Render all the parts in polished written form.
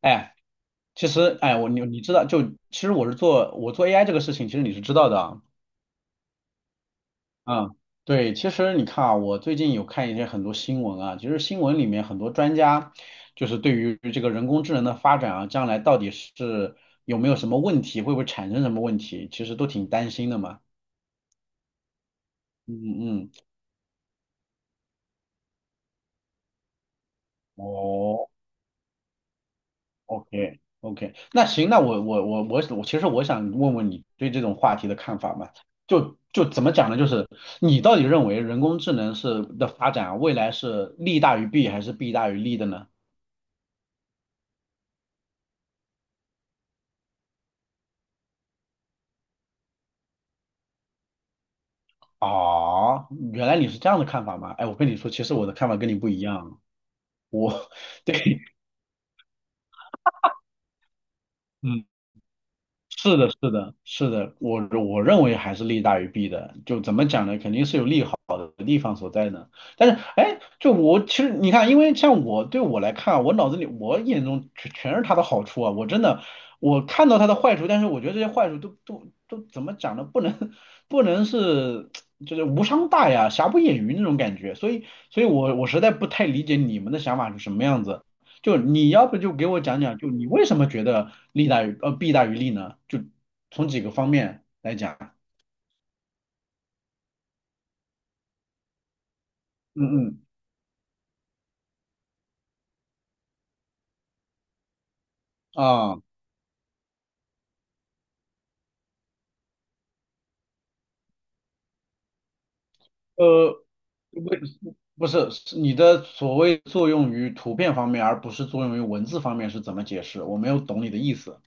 哎，其实，哎，你知道，就其实我做 AI 这个事情，其实你是知道的啊。嗯，对，其实你看啊，我最近有看很多新闻啊，其实新闻里面很多专家就是对于这个人工智能的发展啊，将来到底是有没有什么问题，会不会产生什么问题，其实都挺担心的嘛。嗯嗯。哦，OK OK。那行，那我其实我想问问你对这种话题的看法嘛？就怎么讲呢？就是你到底认为人工智能的发展啊未来是利大于弊还是弊大于利的呢？哦，原来你是这样的看法吗？哎，我跟你说，其实我的看法跟你不一样啊。我 对，嗯。是的，是的，是的，我认为还是利大于弊的。就怎么讲呢？肯定是有利好的地方所在呢。但是，哎，就我其实你看，因为像我对我来看啊我脑子里我眼中全是他的好处啊。我真的我看到他的坏处，但是我觉得这些坏处都怎么讲呢？不能就是无伤大雅、瑕不掩瑜那种感觉。所以我实在不太理解你们的想法是什么样子。就你要不就给我讲讲，就你为什么觉得利大于呃弊大于利呢？就从几个方面来讲。嗯嗯啊呃为不是是你的所谓作用于图片方面，而不是作用于文字方面是怎么解释？我没有懂你的意思。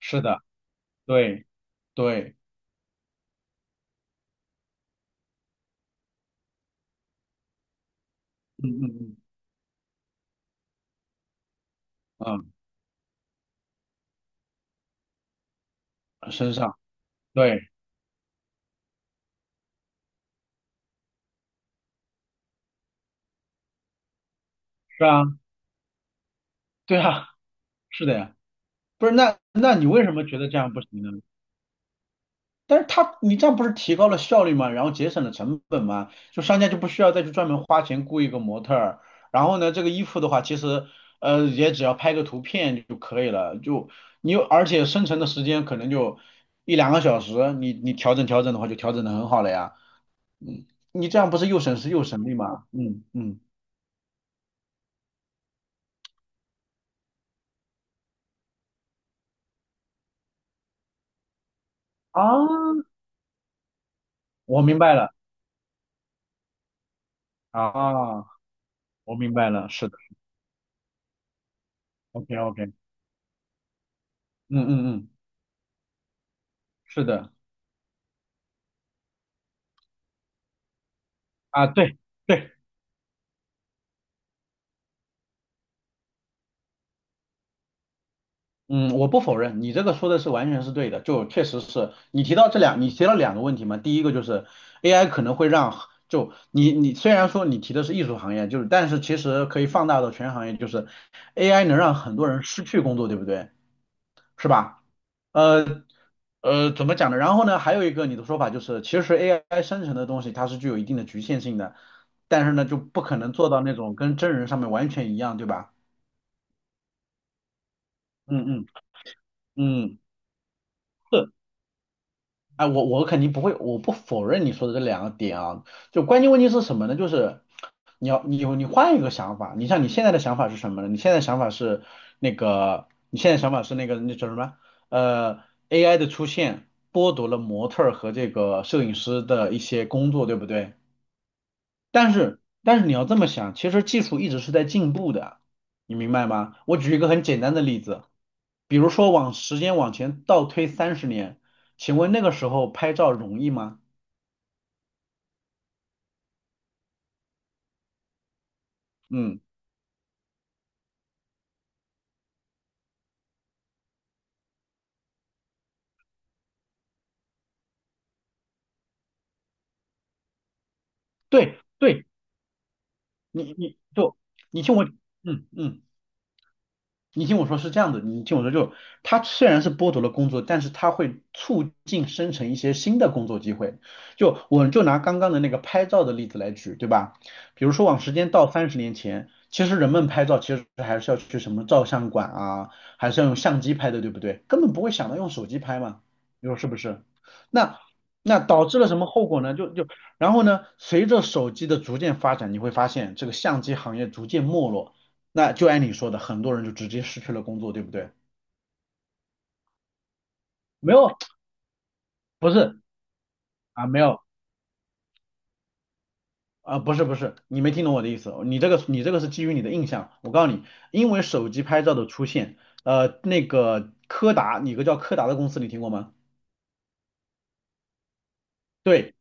是的。对对。嗯嗯嗯嗯。身上。对。是啊。对啊。是的呀。不是那你为什么觉得这样不行呢？但是他，你这样不是提高了效率吗？然后节省了成本吗？就商家就不需要再去专门花钱雇一个模特儿。然后呢，这个衣服的话，其实也只要拍个图片就可以了。就你有，而且生成的时间可能就一两个小时，你调整调整的话，就调整的很好了呀。嗯，你这样不是又省时又省力吗？嗯啊，我明白了。啊，我明白了。是的。OK OK。嗯嗯嗯。是的啊。对对。嗯，我不否认，你这个说的是完全是对的，就确实是你提到两个问题嘛，第一个就是 AI 可能会让，就你虽然说你提的是艺术行业，就是但是其实可以放大到全行业，就是 AI 能让很多人失去工作，对不对？是吧？呃怎么讲呢？然后呢，还有一个你的说法就是，其实 AI 生成的东西它是具有一定的局限性的，但是呢，就不可能做到那种跟真人上面完全一样，对吧？嗯嗯嗯。是。哎，我肯定不会，我不否认你说的这两个点啊。就关键问题是什么呢？就是你要你有你换一个想法，你像你现在的想法是什么呢？你现在想法是那个，你现在想法是那个那叫什么？呃，AI 的出现剥夺了模特儿和这个摄影师的一些工作，对不对？但是你要这么想，其实技术一直是在进步的，你明白吗？我举一个很简单的例子，比如说往时间往前倒推三十年，请问那个时候拍照容易吗？嗯，对对，你你就你听我。嗯嗯。你听我说是这样的，你听我说就，它虽然是剥夺了工作，但是它会促进生成一些新的工作机会。就我就拿刚刚的那个拍照的例子来举，对吧？比如说往时间倒30年前，其实人们拍照其实还是要去什么照相馆啊，还是要用相机拍的，对不对？根本不会想到用手机拍嘛，你说是不是？那那导致了什么后果呢？然后呢，随着手机的逐渐发展，你会发现这个相机行业逐渐没落。那就按你说的，很多人就直接失去了工作，对不对？没有，不是啊，没有啊，不是不是，你没听懂我的意思。你这个是基于你的印象。我告诉你，因为手机拍照的出现，那个柯达，你有个叫柯达的公司，你听过吗？对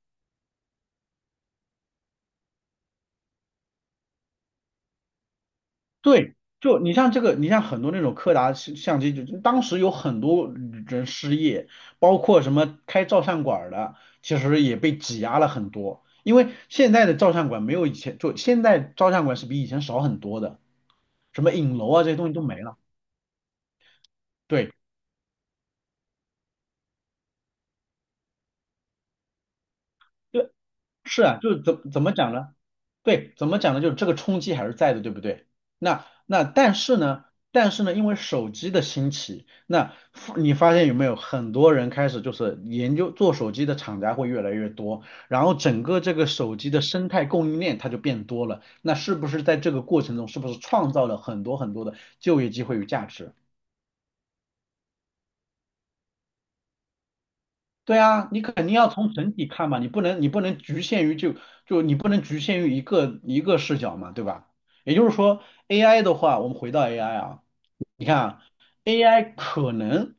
对，就你像这个，你像很多那种柯达相机，就当时有很多人失业，包括什么开照相馆儿的，其实也被挤压了很多。因为现在的照相馆没有以前，就现在照相馆是比以前少很多的。什么影楼啊这些东西都没了。对。对。是啊，就是怎么讲呢？对，怎么讲呢？就是这个冲击还是在的，对不对？那那但是呢，但是呢，因为手机的兴起，你发现有没有很多人开始就是研究做手机的厂家会越来越多，然后整个这个手机的生态供应链它就变多了。那是不是在这个过程中，是不是创造了很多很多的就业机会与价值？对啊，你肯定要从整体看嘛，你不能你不能局限于就就你不能局限于一个一个视角嘛，对吧？也就是说，AI 的话，我们回到 AI 啊，你看啊，AI 可能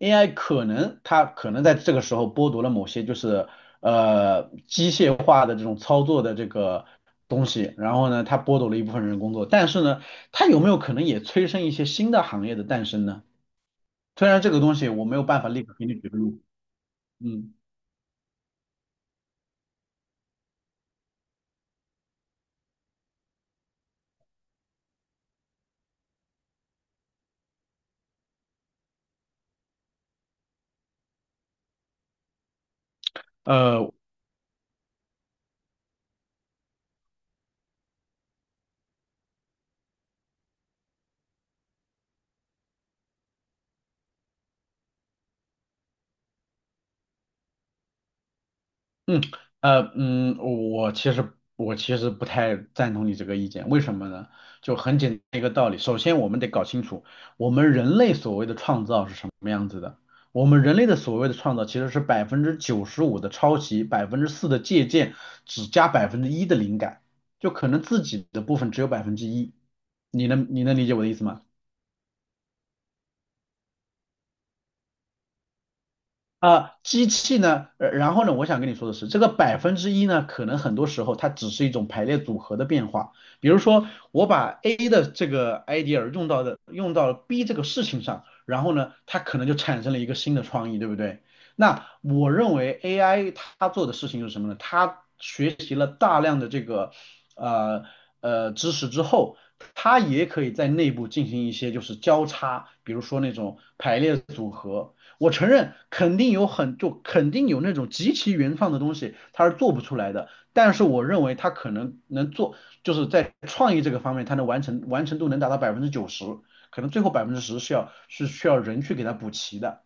AI 可能它可能在这个时候剥夺了某些就是机械化的这种操作的这个东西，然后呢，它剥夺了一部分人工作，但是呢，它有没有可能也催生一些新的行业的诞生呢？虽然这个东西我没有办法立刻给你举个例子嗯。呃，嗯，我其实不太赞同你这个意见，为什么呢？就很简单一个道理，首先我们得搞清楚，我们人类所谓的创造是什么样子的。我们人类的所谓的创造其实是95%的抄袭，4%的借鉴，只加百分之一的灵感，就可能自己的部分只有百分之一。你能理解我的意思吗？啊，机器呢，然后呢，我想跟你说的是，这个百分之一呢，可能很多时候它只是一种排列组合的变化。比如说，我把 A 的这个 idea 用到了 B 这个事情上，然后呢，它可能就产生了一个新的创意，对不对？那我认为 AI 它做的事情是什么呢？它学习了大量的这个呃知识之后，它也可以在内部进行一些就是交叉，比如说那种排列组合。我承认肯定有那种极其原创的东西，它是做不出来的。但是我认为它可能能做，就是在创意这个方面，它能完成度能达到百分之九十，可能最后10%是需要人去给它补齐的。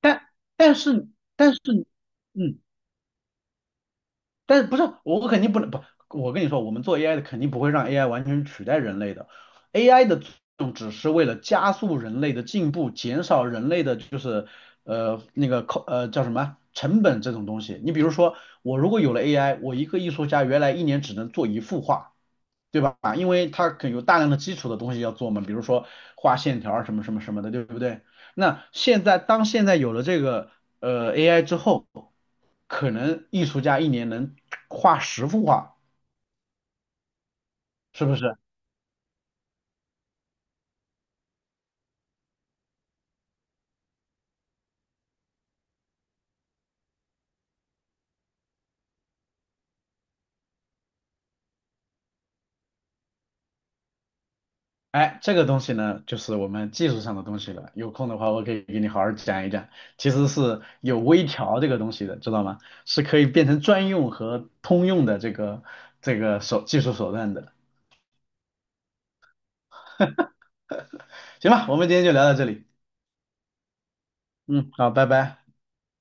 但但是但是，嗯，但是不是我肯定不能不，我跟你说，我们做 AI 的肯定不会让 AI 完全取代人类的，AI 的作用只是为了加速人类的进步，减少人类的就是那个叫什么成本这种东西。你比如说，我如果有了 AI，我一个艺术家原来一年只能做一幅画。对吧？因为它可有大量的基础的东西要做嘛，比如说画线条儿什么什么什么的，对不对？那现在当现在有了这个AI 之后，可能艺术家一年能画10幅画，是不是？哎，这个东西呢，就是我们技术上的东西了。有空的话，我可以给你好好讲一讲，其实是有微调这个东西的，知道吗？是可以变成专用和通用的这个技术手段的。行吧，我们今天就聊到这里。嗯，好，拜拜。